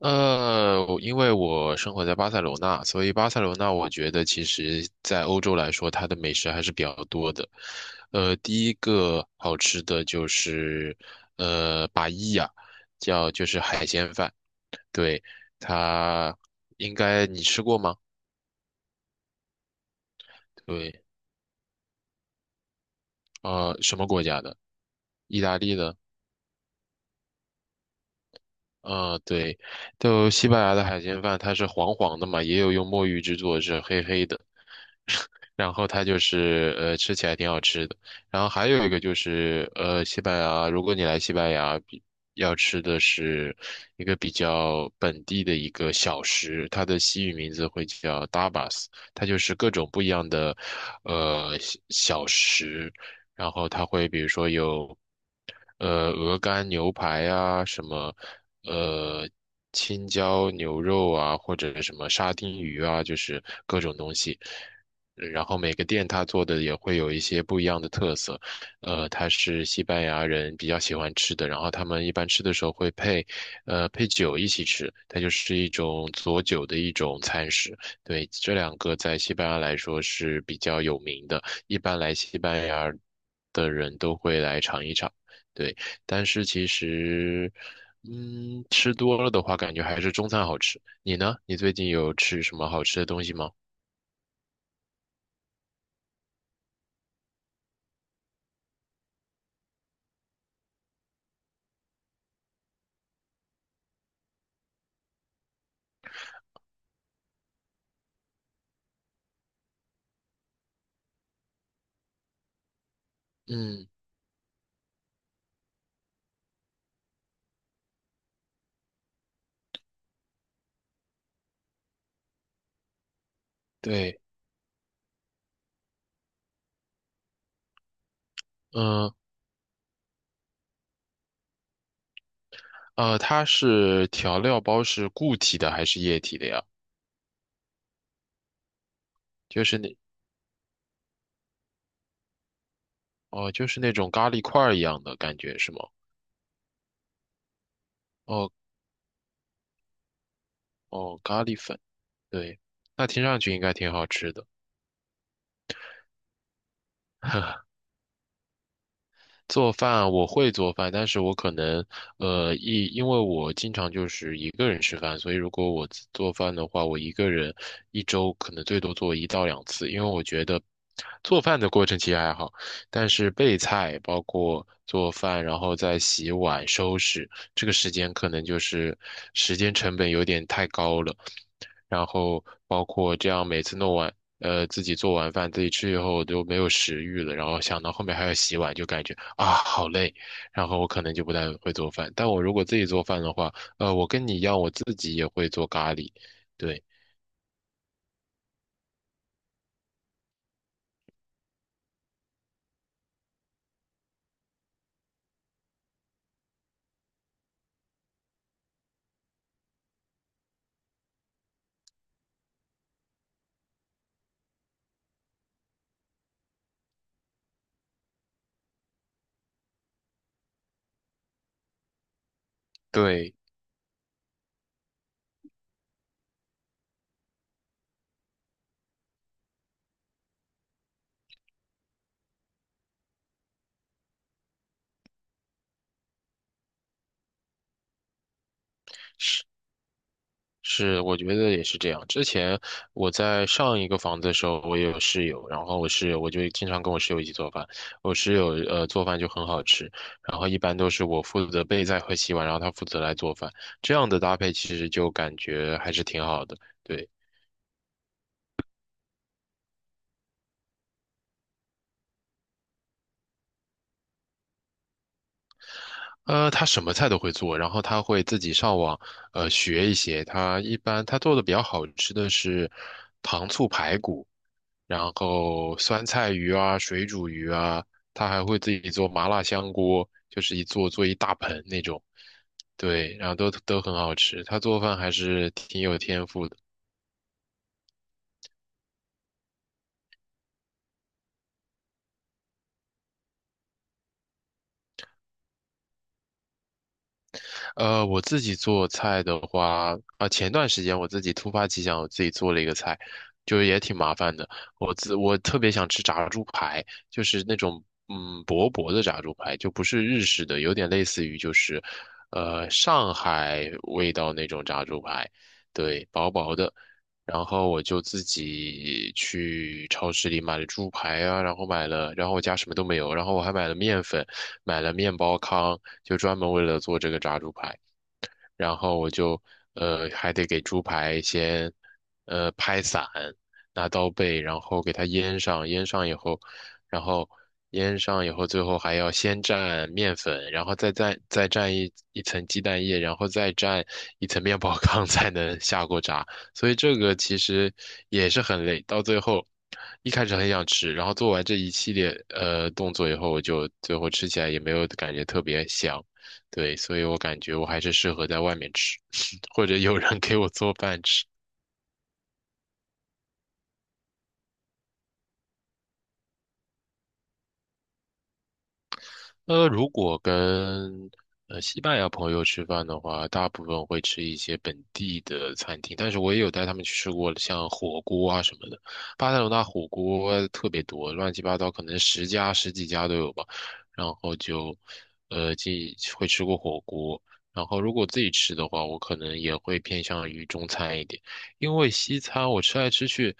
我因为我生活在巴塞罗那，所以巴塞罗那我觉得其实在欧洲来说，它的美食还是比较多的。第一个好吃的就是巴伊亚，叫就是海鲜饭，对，它应该你吃过吗？对，什么国家的？意大利的。对，就西班牙的海鲜饭，它是黄黄的嘛，也有用墨鱼制作，是黑黑的。然后它就是吃起来挺好吃的。然后还有一个就是西班牙，如果你来西班牙，比要吃的是一个比较本地的一个小食，它的西语名字会叫 tapas,它就是各种不一样的小小食，然后它会比如说有鹅肝牛排啊什么。呃，青椒牛肉啊，或者什么沙丁鱼啊，就是各种东西。然后每个店它做的也会有一些不一样的特色，它是西班牙人比较喜欢吃的，然后他们一般吃的时候会配，配酒一起吃，它就是一种佐酒的一种餐食。对，这两个在西班牙来说是比较有名的，一般来西班牙的人都会来尝一尝。对，但是其实，嗯，吃多了的话，感觉还是中餐好吃。你呢？你最近有吃什么好吃的东西吗？嗯，对。嗯它是调料包是固体的还是液体的呀？就是那哦，就是那种咖喱块儿一样的感觉是吗？哦哦，咖喱粉，对，那听上去应该挺好吃的。做饭我会做饭，但是我可能，一因为我经常就是一个人吃饭，所以如果我自做饭的话，我一个人一周可能最多做一到两次，因为我觉得做饭的过程其实还好，但是备菜包括做饭，然后再洗碗、收拾，这个时间可能就是时间成本有点太高了。然后包括这样每次弄完，自己做完饭自己吃以后都没有食欲了，然后想到后面还要洗碗，就感觉啊好累，然后我可能就不太会做饭。但我如果自己做饭的话，我跟你一样，我自己也会做咖喱，对对。是，我觉得也是这样。之前我在上一个房子的时候，我也有室友，然后我室友我就经常跟我室友一起做饭。我室友做饭就很好吃，然后一般都是我负责备菜和洗碗，然后他负责来做饭。这样的搭配其实就感觉还是挺好的。对，他什么菜都会做，然后他会自己上网学一些。他一般做的比较好吃的是糖醋排骨。然后酸菜鱼啊、水煮鱼啊，他还会自己做麻辣香锅，就是做一大盆那种，对，然后都很好吃。他做饭还是挺有天赋的。我自己做菜的话，啊、前段时间我自己突发奇想，我自己做了一个菜，就是也挺麻烦的。我特别想吃炸猪排，就是那种薄薄的炸猪排，就不是日式的，有点类似于就是上海味道那种炸猪排，对，薄薄的。然后我就自己去超市里买了猪排啊，然后买了，然后我家什么都没有，然后我还买了面粉，买了面包糠。就专门为了做这个炸猪排。然后我就还得给猪排先拍散，拿刀背，然后给它腌上，腌上以后，然后腌上以后，最后还要先蘸面粉，然后再蘸一层鸡蛋液，然后再蘸一层面包糠 才能下锅炸。所以这个其实也是很累，到最后。一开始很想吃，然后做完这一系列动作以后，我就最后吃起来也没有感觉特别香。对，所以我感觉我还是适合在外面吃，或者有人给我做饭吃。如果跟西班牙朋友吃饭的话，大部分会吃一些本地的餐厅，但是我也有带他们去吃过像火锅啊什么的。巴塞罗那火锅特别多，乱七八糟，可能十家十几家都有吧。然后就既会吃过火锅，然后如果自己吃的话，我可能也会偏向于中餐一点，因为西餐我吃来吃去，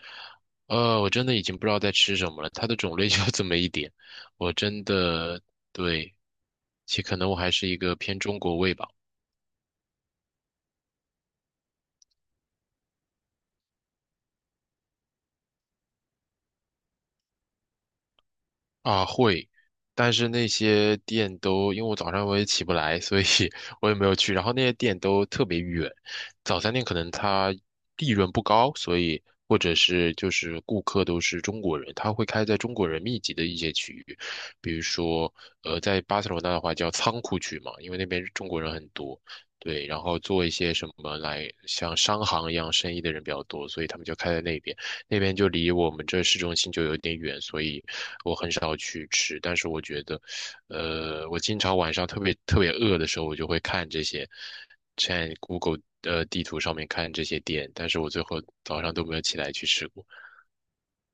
我真的已经不知道在吃什么了，它的种类就这么一点。我真的对，其可能我还是一个偏中国胃吧。啊，会，但是那些店都，因为我早上我也起不来，所以 我也没有去。然后那些店都特别远，早餐店可能它利润不高，所以或者是就是顾客都是中国人，他会开在中国人密集的一些区域，比如说在巴塞罗那的话叫仓库区嘛，因为那边中国人很多。对，然后做一些什么来像商行一样生意的人比较多，所以他们就开在那边。那边就离我们这市中心就有点远，所以我很少去吃。但是我觉得，我经常晚上特别特别饿的时候，我就会看这些，在 Google 地图上面看这些店，但是我最后早上都没有起来去吃过。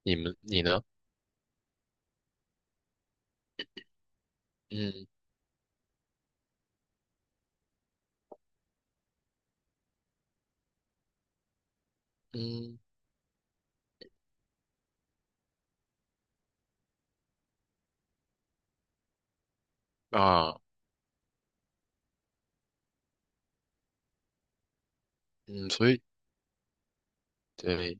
你呢？嗯嗯啊嗯，所以对，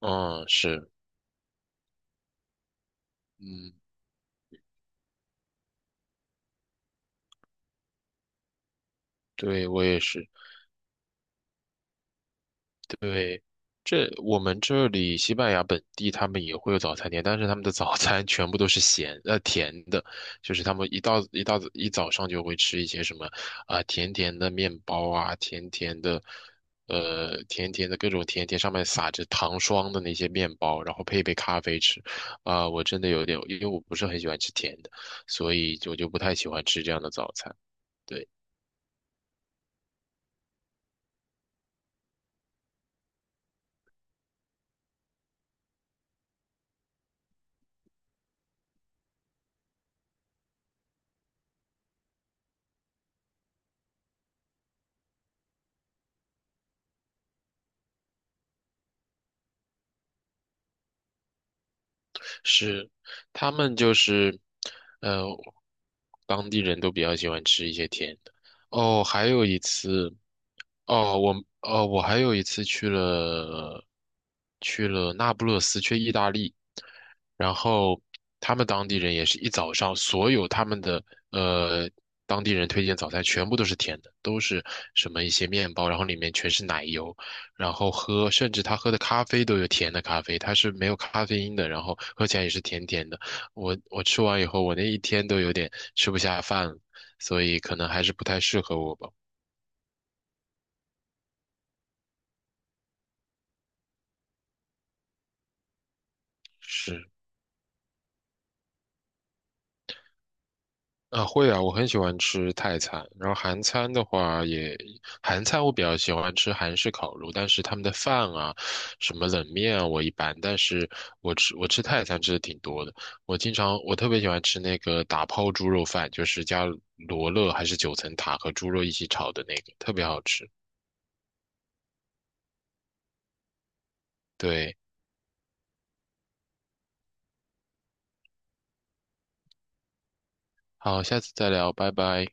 嗯是，嗯对我也是。对，这我们这里西班牙本地他们也会有早餐店，但是他们的早餐全部都是咸甜的，就是他们一早上就会吃一些什么啊、甜甜的面包啊，甜甜的甜甜的各种甜甜上面撒着糖霜的那些面包，然后配一杯咖啡吃。啊、我真的有点，因为我不是很喜欢吃甜的，所以我就不太喜欢吃这样的早餐。对。是，他们就是，呃，当地人都比较喜欢吃一些甜的。哦，还有一次，哦，我哦，我还有一次去了去了那不勒斯，去意大利，然后他们当地人也是一早上，所有他们的呃当地人推荐早餐全部都是甜的，都是什么一些面包，然后里面全是奶油，然后喝，甚至他喝的咖啡都有甜的咖啡，它是没有咖啡因的，然后喝起来也是甜甜的。我吃完以后，我那一天都有点吃不下饭了，所以可能还是不太适合我吧。是。啊，会啊，我很喜欢吃泰餐，然后韩餐的话也，韩餐我比较喜欢吃韩式烤肉，但是他们的饭啊，什么冷面啊，我一般，但是我吃泰餐吃的挺多的，我经常我特别喜欢吃那个打抛猪肉饭，就是加罗勒还是九层塔和猪肉一起炒的那个，特别好吃。对，好，下次再聊，拜拜。